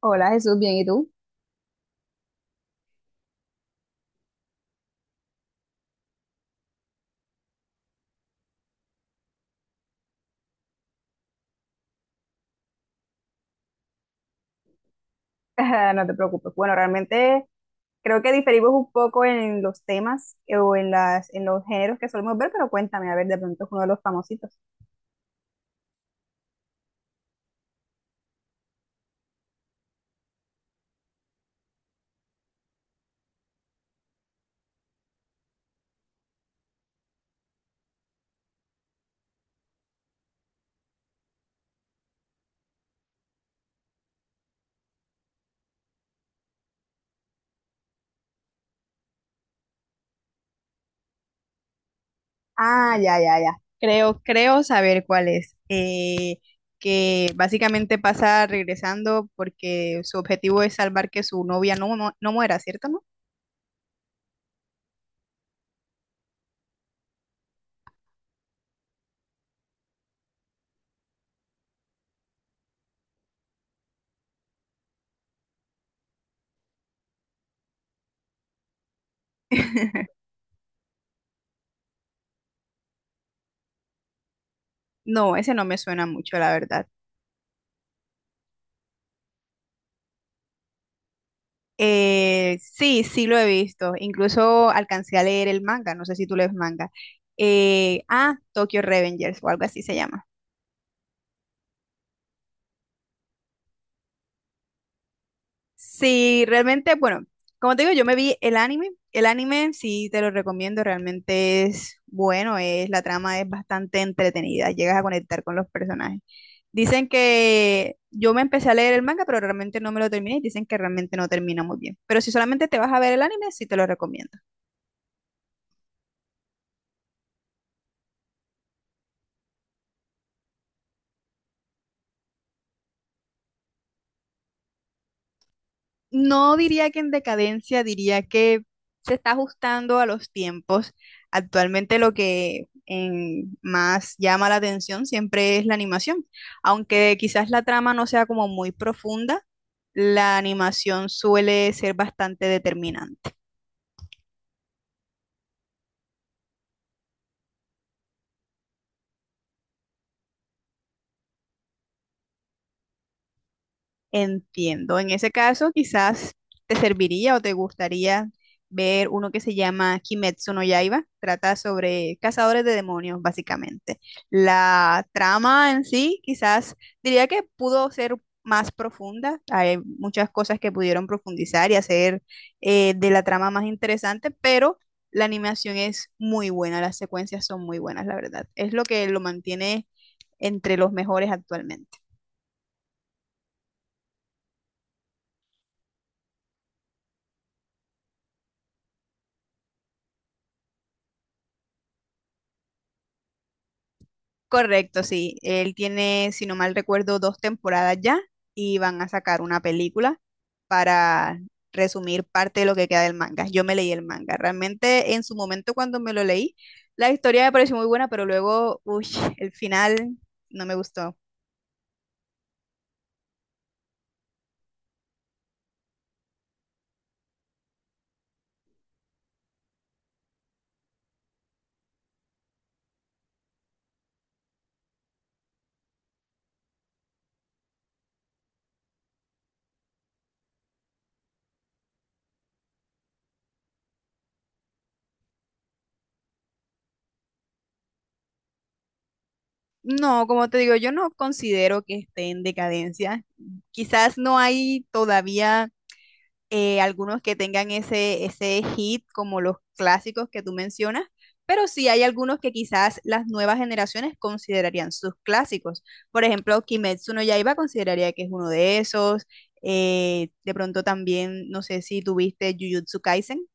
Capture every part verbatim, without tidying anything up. Hola Jesús, bien, ¿y tú? No te preocupes. Bueno, realmente creo que diferimos un poco en los temas eh, o en las, en los géneros que solemos ver, pero cuéntame, a ver, de pronto es uno de los famositos. Ah, ya, ya, ya. Creo, creo saber cuál es. Eh, que básicamente pasa regresando porque su objetivo es salvar que su novia no, no, no muera, ¿cierto, no? No, ese no me suena mucho, la verdad. Eh, sí, sí lo he visto. Incluso alcancé a leer el manga. No sé si tú lees manga. Eh, ah, Tokyo Revengers o algo así se llama. Sí, realmente, bueno, como te digo, yo me vi el anime. El anime sí te lo recomiendo. Realmente es bueno. Es, la trama es bastante entretenida. Llegas a conectar con los personajes. Dicen que yo me empecé a leer el manga, pero realmente no me lo terminé y dicen que realmente no termina muy bien. Pero si solamente te vas a ver el anime, sí te lo recomiendo. No diría que en decadencia, diría que se está ajustando a los tiempos. Actualmente lo que en- más llama la atención siempre es la animación. Aunque quizás la trama no sea como muy profunda, la animación suele ser bastante determinante. Entiendo. En ese caso, quizás te serviría o te gustaría ver uno que se llama Kimetsu no Yaiba. Trata sobre cazadores de demonios, básicamente. La trama en sí, quizás diría que pudo ser más profunda. Hay muchas cosas que pudieron profundizar y hacer eh, de la trama más interesante, pero la animación es muy buena, las secuencias son muy buenas, la verdad. Es lo que lo mantiene entre los mejores actualmente. Correcto, sí. Él tiene, si no mal recuerdo, dos temporadas ya y van a sacar una película para resumir parte de lo que queda del manga. Yo me leí el manga. Realmente en su momento cuando me lo leí, la historia me pareció muy buena, pero luego, uy, el final no me gustó. No, como te digo, yo no considero que esté en decadencia. Quizás no hay todavía eh, algunos que tengan ese, ese hit como los clásicos que tú mencionas, pero sí hay algunos que quizás las nuevas generaciones considerarían sus clásicos. Por ejemplo, Kimetsu no Yaiba consideraría que es uno de esos. eh, de pronto también, no sé si tuviste Jujutsu Kaisen.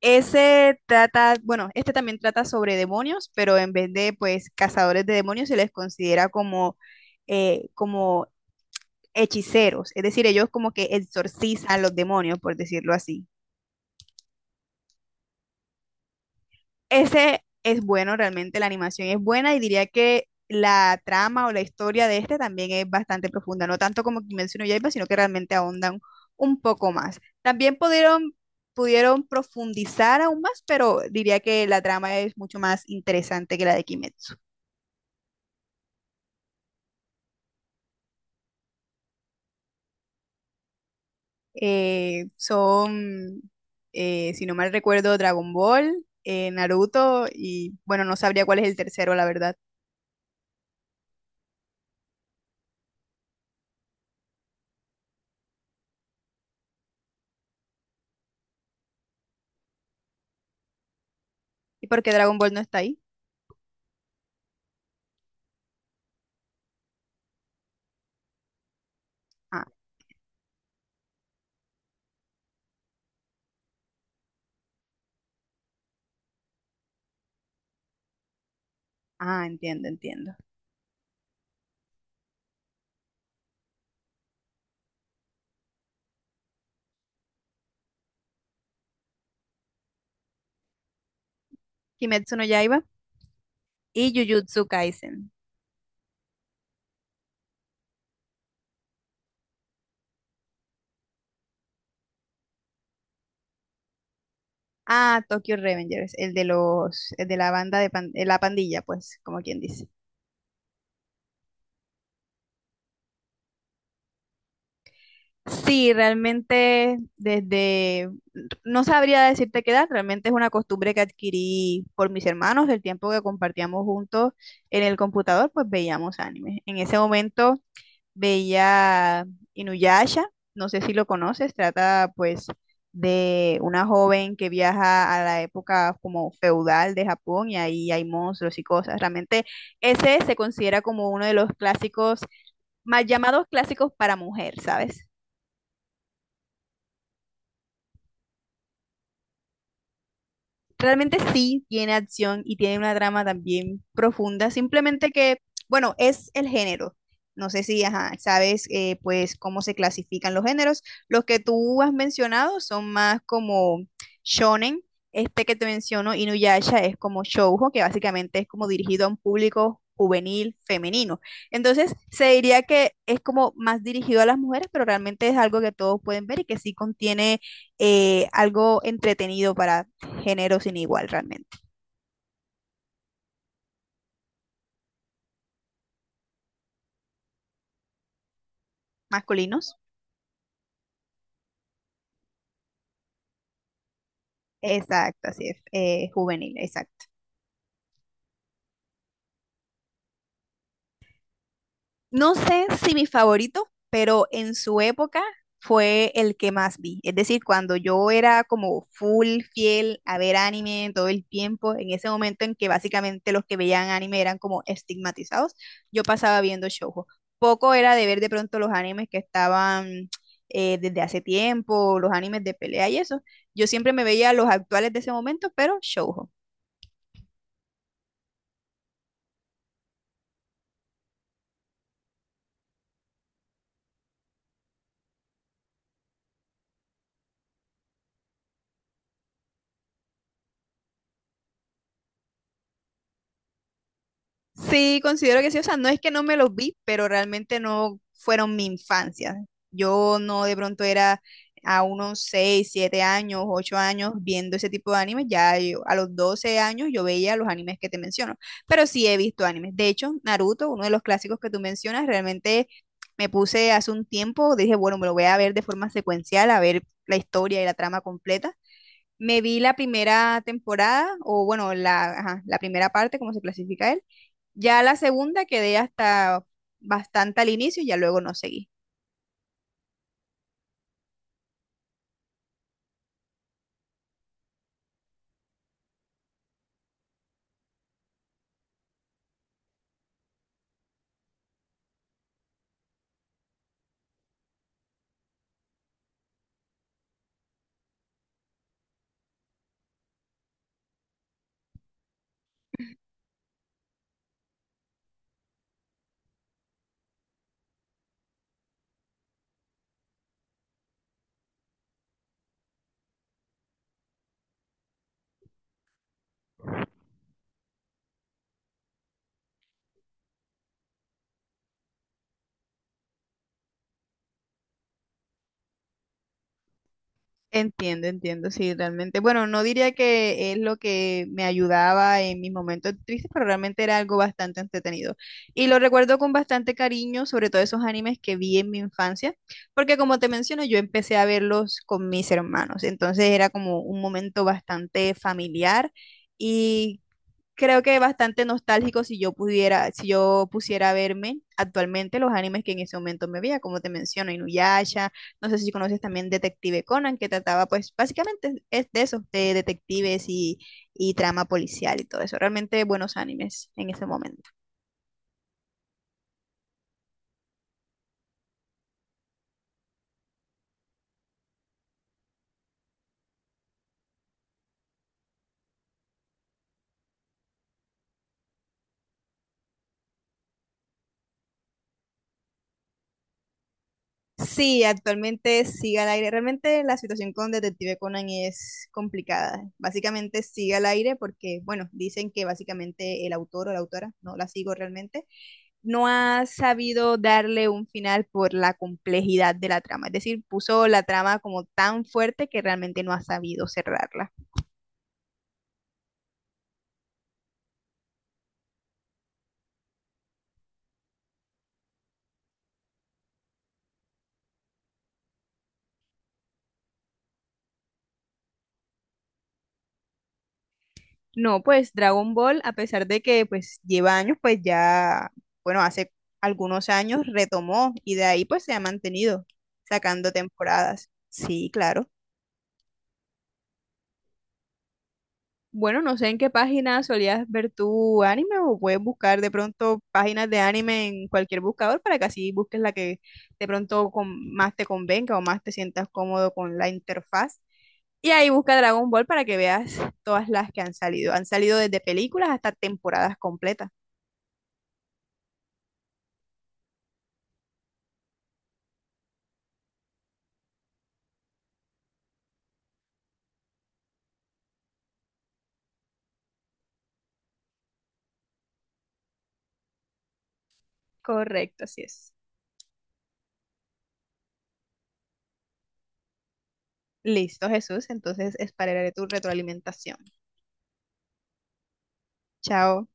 Ese trata, bueno, este también trata sobre demonios, pero en vez de pues cazadores de demonios se les considera como, eh, como hechiceros, es decir, ellos como que exorcizan los demonios, por decirlo así. Ese es bueno, realmente la animación es buena y diría que la trama o la historia de este también es bastante profunda, no tanto como Kimetsu no Yaiba, sino que realmente ahondan un poco más. También pudieron, pudieron profundizar aún más, pero diría que la trama es mucho más interesante que la de Kimetsu. Eh, son, eh, si no mal recuerdo, Dragon Ball, eh, Naruto y bueno, no sabría cuál es el tercero, la verdad. ¿Y por qué Dragon Ball no está ahí? Ah, ah, entiendo, entiendo. Kimetsu no Yaiba y Jujutsu Kaisen. Ah, Tokyo Revengers, el de los, el de la banda de pan- eh, la pandilla, pues, como quien dice. Sí, realmente desde, no sabría decirte qué edad, realmente es una costumbre que adquirí por mis hermanos, el tiempo que compartíamos juntos en el computador, pues veíamos anime. En ese momento veía Inuyasha, no sé si lo conoces, trata pues de una joven que viaja a la época como feudal de Japón y ahí hay monstruos y cosas. Realmente ese se considera como uno de los clásicos, más llamados clásicos para mujer, ¿sabes? Realmente sí tiene acción y tiene una trama también profunda, simplemente que, bueno, es el género. No sé si, ajá, sabes, eh, pues, cómo se clasifican los géneros. Los que tú has mencionado son más como shonen. Este que te menciono, Inuyasha, es como shoujo, que básicamente es como dirigido a un público juvenil femenino. Entonces, se diría que es como más dirigido a las mujeres, pero realmente es algo que todos pueden ver y que sí contiene eh, algo entretenido para género sin igual realmente. Masculinos. Exacto, así es. eh, juvenil, exacto. No sé si mi favorito, pero en su época fue el que más vi. Es decir, cuando yo era como full fiel a ver anime todo el tiempo, en ese momento en que básicamente los que veían anime eran como estigmatizados, yo pasaba viendo shoujo. Poco era de ver de pronto los animes que estaban eh, desde hace tiempo, los animes de pelea y eso. Yo siempre me veía los actuales de ese momento, pero shoujo. Sí, considero que sí. O sea, no es que no me los vi, pero realmente no fueron mi infancia. Yo no de pronto era a unos seis, siete años, ocho años viendo ese tipo de animes. Ya yo- a los doce años yo veía los animes que te menciono. Pero sí he visto animes. De hecho, Naruto, uno de los clásicos que tú mencionas, realmente me puse hace un tiempo, dije, bueno, me lo voy a ver de forma secuencial, a ver la historia y la trama completa. Me vi la primera temporada, o bueno, la, ajá, la primera parte, como se clasifica él. Ya la segunda quedé hasta bastante al inicio y ya luego no seguí. Entiendo, entiendo, sí, realmente. Bueno, no diría que es lo que me ayudaba en mis momentos tristes, pero realmente era algo bastante entretenido. Y lo recuerdo con bastante cariño, sobre todo esos animes que vi en mi infancia, porque como te menciono, yo empecé a verlos con mis hermanos, entonces era como un momento bastante familiar y creo que bastante nostálgico si yo pudiera, si yo pusiera verme actualmente los animes que en ese momento me veía, como te menciono, Inuyasha, no sé si conoces también Detective Conan, que trataba pues básicamente es de eso, de detectives y, y trama policial y todo eso, realmente buenos animes en ese momento. Sí, actualmente sigue al aire, realmente la situación con Detective Conan es complicada, básicamente sigue al aire porque, bueno, dicen que básicamente el autor o la autora, no la sigo realmente, no ha sabido darle un final por la complejidad de la trama. Es decir, puso la trama como tan fuerte que realmente no ha sabido cerrarla. No, pues Dragon Ball, a pesar de que pues lleva años, pues ya, bueno, hace algunos años retomó y de ahí pues se ha mantenido sacando temporadas. Sí, claro. Bueno, no sé en qué página solías ver tu anime o puedes buscar de pronto páginas de anime en cualquier buscador para que así busques la que de pronto con- más te convenga o más te sientas cómodo con la interfaz. Y ahí busca Dragon Ball para que veas todas las que han salido. Han salido desde películas hasta temporadas completas. Correcto, así es. Listo, Jesús. Entonces esperaré tu retroalimentación. Chao.